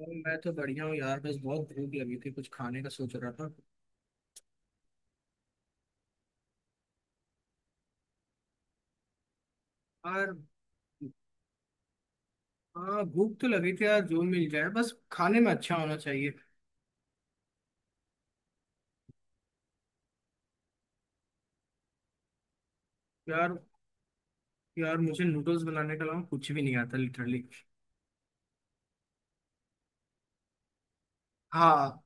और मैं तो बढ़िया हूँ यार। बस बहुत भूख लगी थी, कुछ खाने का सोच रहा था। यार हाँ भूख तो लगी थी यार, जो मिल जाए बस, खाने में अच्छा होना चाहिए। यार यार, मुझे नूडल्स बनाने के अलावा कुछ भी नहीं आता, लिटरली। हाँ।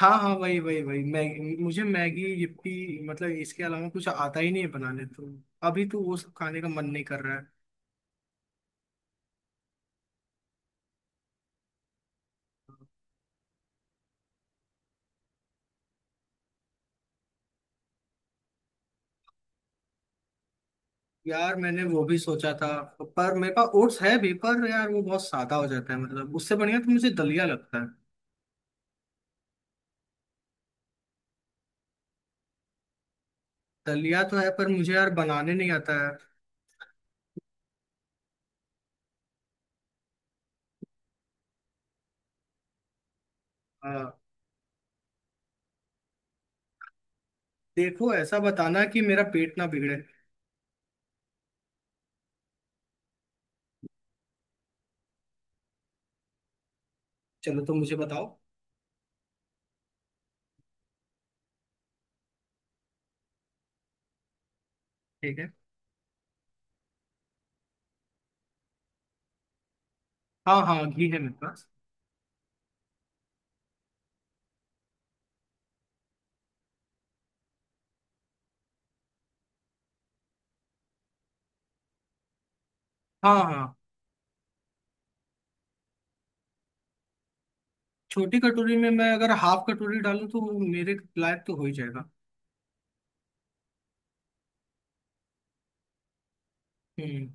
हाँ वही वही वही मैगी, मुझे मैगी, यिप्पी, मतलब इसके अलावा कुछ आता ही नहीं है बनाने तो। अभी तो वो सब खाने का मन नहीं कर रहा है। यार मैंने वो भी सोचा था। पर मेरे पास ओट्स है भी, पर यार वो बहुत सादा हो जाता है, मतलब उससे बढ़िया तो मुझे दलिया लगता है। दलिया तो है पर मुझे यार बनाने नहीं आता है। हाँ। देखो ऐसा बताना कि मेरा पेट ना बिगड़े। चलो तो मुझे बताओ। ठीक है। हाँ हाँ घी है मेरे पास। हाँ। हाँ। छोटी कटोरी में मैं अगर हाफ कटोरी डालूं तो वो मेरे लायक तो हो ही जाएगा। हम्म।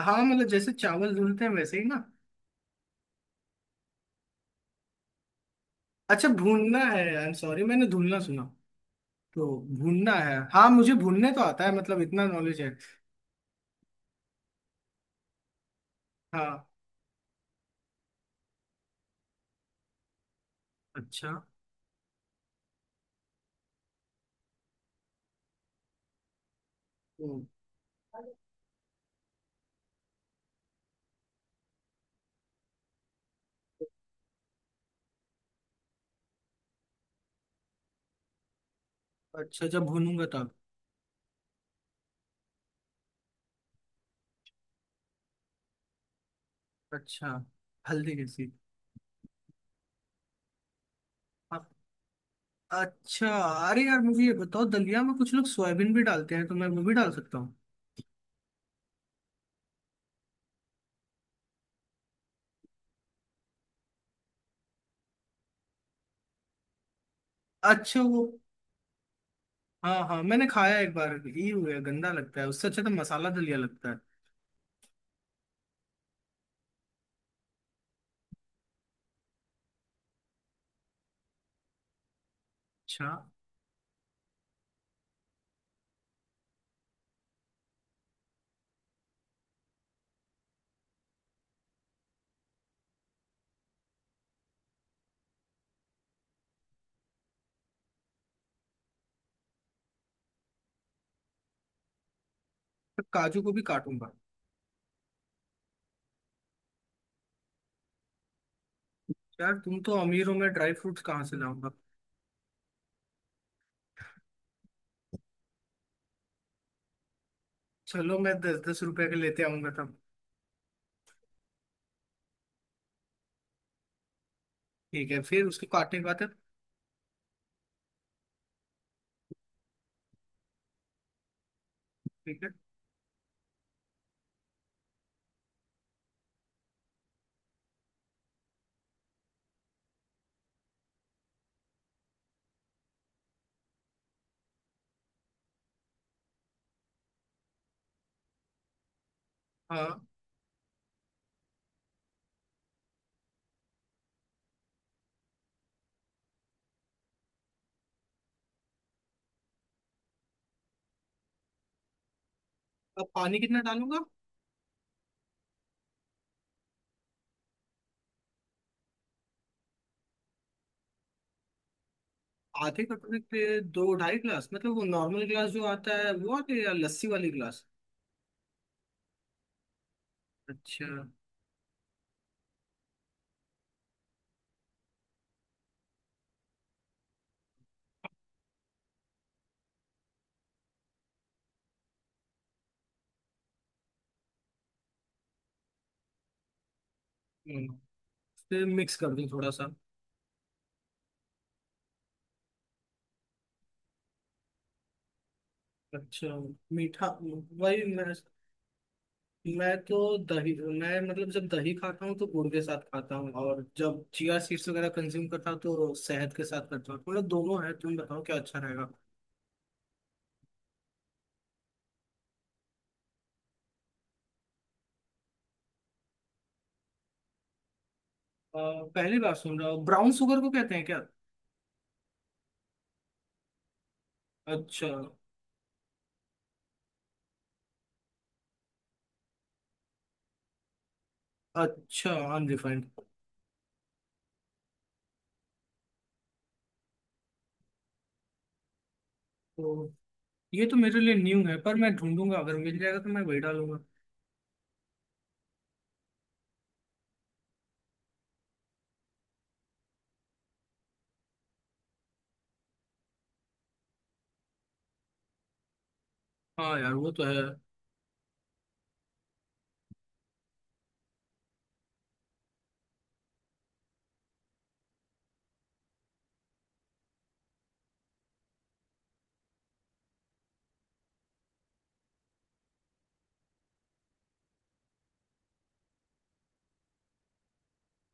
हाँ मतलब जैसे चावल धुलते हैं वैसे ही ना। अच्छा, भूनना है, आई एम सॉरी, मैंने धुलना सुना। तो भूनना है। हाँ मुझे भूनने तो आता है, मतलब इतना नॉलेज है। हाँ। अच्छा। हम्म, अच्छा जब भूनूंगा तब। अच्छा। हल्दी कैसी। अच्छा। अरे यार मुझे ये बताओ, दलिया में कुछ लोग सोयाबीन भी डालते हैं, तो मैं वो भी डाल सकता हूँ। अच्छा वो। हाँ हाँ मैंने खाया 1 बार, ये हुआ गंदा लगता है, उससे अच्छा तो मसाला दलिया लगता है। अच्छा, तो काजू को भी काटूंगा। यार तुम तो अमीर हो, मैं ड्राई फ्रूट्स कहाँ से लाऊंगा। चलो मैं 10-10 रुपए के लेते आऊंगा तब। ठीक है, फिर उसको काटने के बाद है, ठीक है। हाँ। अब पानी कितना डालूंगा। आधे कटोरे पे। 2 ढाई गिलास मतलब वो नॉर्मल गिलास जो आता है वो, आते या लस्सी वाली गिलास। अच्छा। हम्म, फिर मिक्स कर दूं थोड़ा सा। अच्छा। मीठा। वही मैं तो दही मैं मतलब जब दही खाता हूँ तो गुड़ के साथ खाता हूँ, और जब चिया सीड्स वगैरह कंज्यूम करता हूँ तो शहद के साथ करता हूँ, मतलब दोनों है, तुम बताओ क्या अच्छा रहेगा। अ, 1ली बार सुन रहा हूँ, ब्राउन शुगर को कहते हैं क्या। अच्छा। अच्छा अनरिफाइंड। तो ये तो मेरे लिए न्यू है, पर मैं ढूंढूंगा, अगर मिल जाएगा तो मैं वही डालूंगा। हाँ यार वो तो है भाई।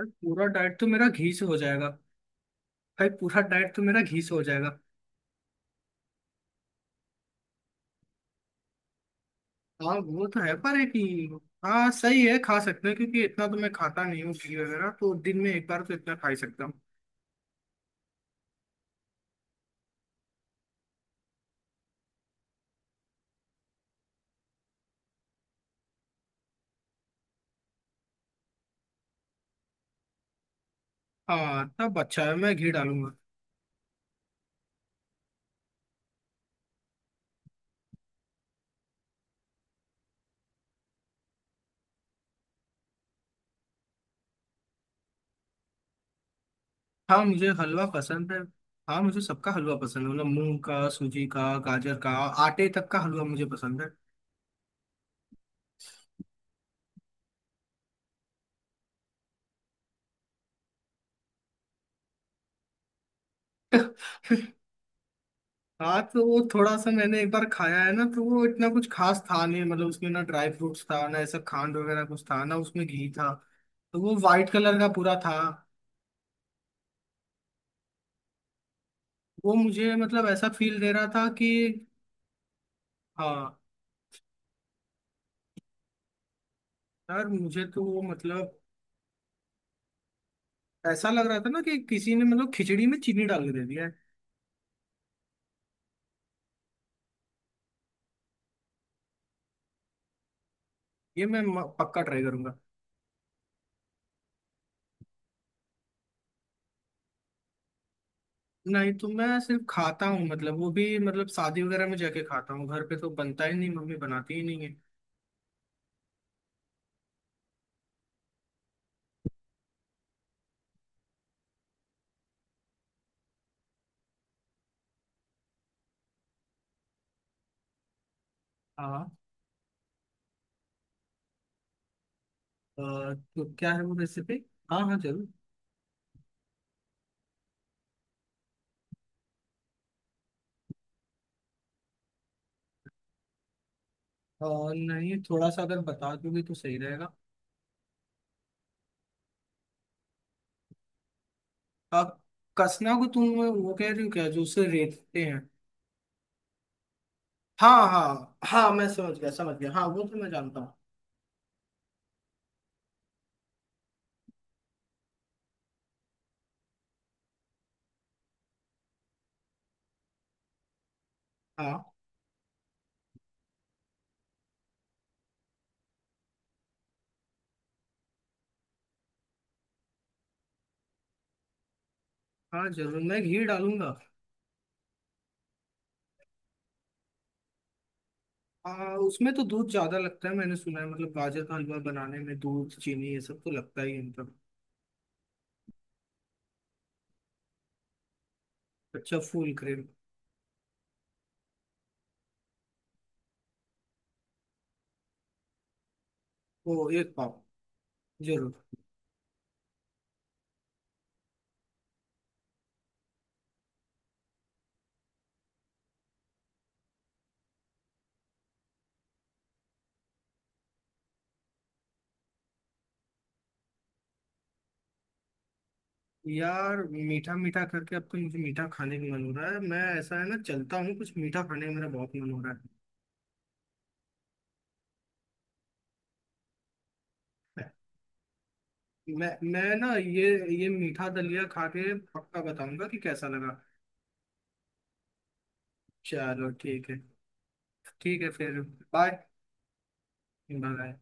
पूरा डाइट तो मेरा घी से हो जाएगा। भाई पूरा डाइट तो मेरा घी से हो जाएगा। हाँ वो तो है पर हाँ सही है, खा सकते हैं, क्योंकि इतना तो मैं खाता नहीं हूँ घी वगैरह, तो दिन में 1 बार तो इतना खा ही सकता हूँ। हाँ तब अच्छा है, मैं घी डालूंगा। हाँ मुझे हलवा पसंद है। हाँ मुझे सबका हलवा पसंद है, मतलब मूंग का, सूजी का, गाजर का। आटे तक का हलवा मुझे पसंद है। हाँ तो वो थोड़ा सा मैंने 1 बार खाया है ना, तो वो इतना कुछ खास था नहीं, मतलब उसमें ना ड्राई फ्रूट्स था, ना ऐसा खांड वगैरह कुछ था, ना उसमें घी था। तो वो वाइट कलर का पूरा था। वो मुझे मतलब ऐसा फील दे रहा था कि। हाँ। यार मुझे तो वो मतलब ऐसा लग रहा था ना कि किसी ने मतलब खिचड़ी में चीनी डाल के दे दिया है। ये पक्का ट्राई करूंगा। नहीं, तो मैं सिर्फ खाता हूँ, मतलब वो भी मतलब शादी वगैरह में जाके खाता हूँ, घर पे तो बनता ही नहीं, मम्मी बनाती ही नहीं है। हाँ। तो क्या है वो रेसिपी। हाँ हाँ जरूर। अ, नहीं, थोड़ा सा अगर बता दोगे तो सही रहेगा। अब कसना को तुम वो कह रही हो क्या जो उसे रेतते हैं। हाँ हाँ हाँ मैं समझ गया, हाँ वो तो मैं जानता हूँ। हाँ हाँ जरूर मैं घी डालूंगा। उसमें तो दूध ज्यादा लगता है, मैंने सुना है, मतलब गाजर का हलवा बनाने में दूध, चीनी, ये सब तो लगता ही है मतलब। अच्छा फुल क्रीम। ओ, एक पाव, जरूर। यार मीठा मीठा करके अब तो मुझे मीठा खाने का मन हो रहा है, मैं ऐसा है ना, चलता हूँ, कुछ मीठा खाने का मेरा बहुत मन हो रहा है। मैं ये मीठा दलिया खा के पक्का बताऊंगा कि कैसा लगा। चलो ठीक है। ठीक है फिर। बाय। बाय।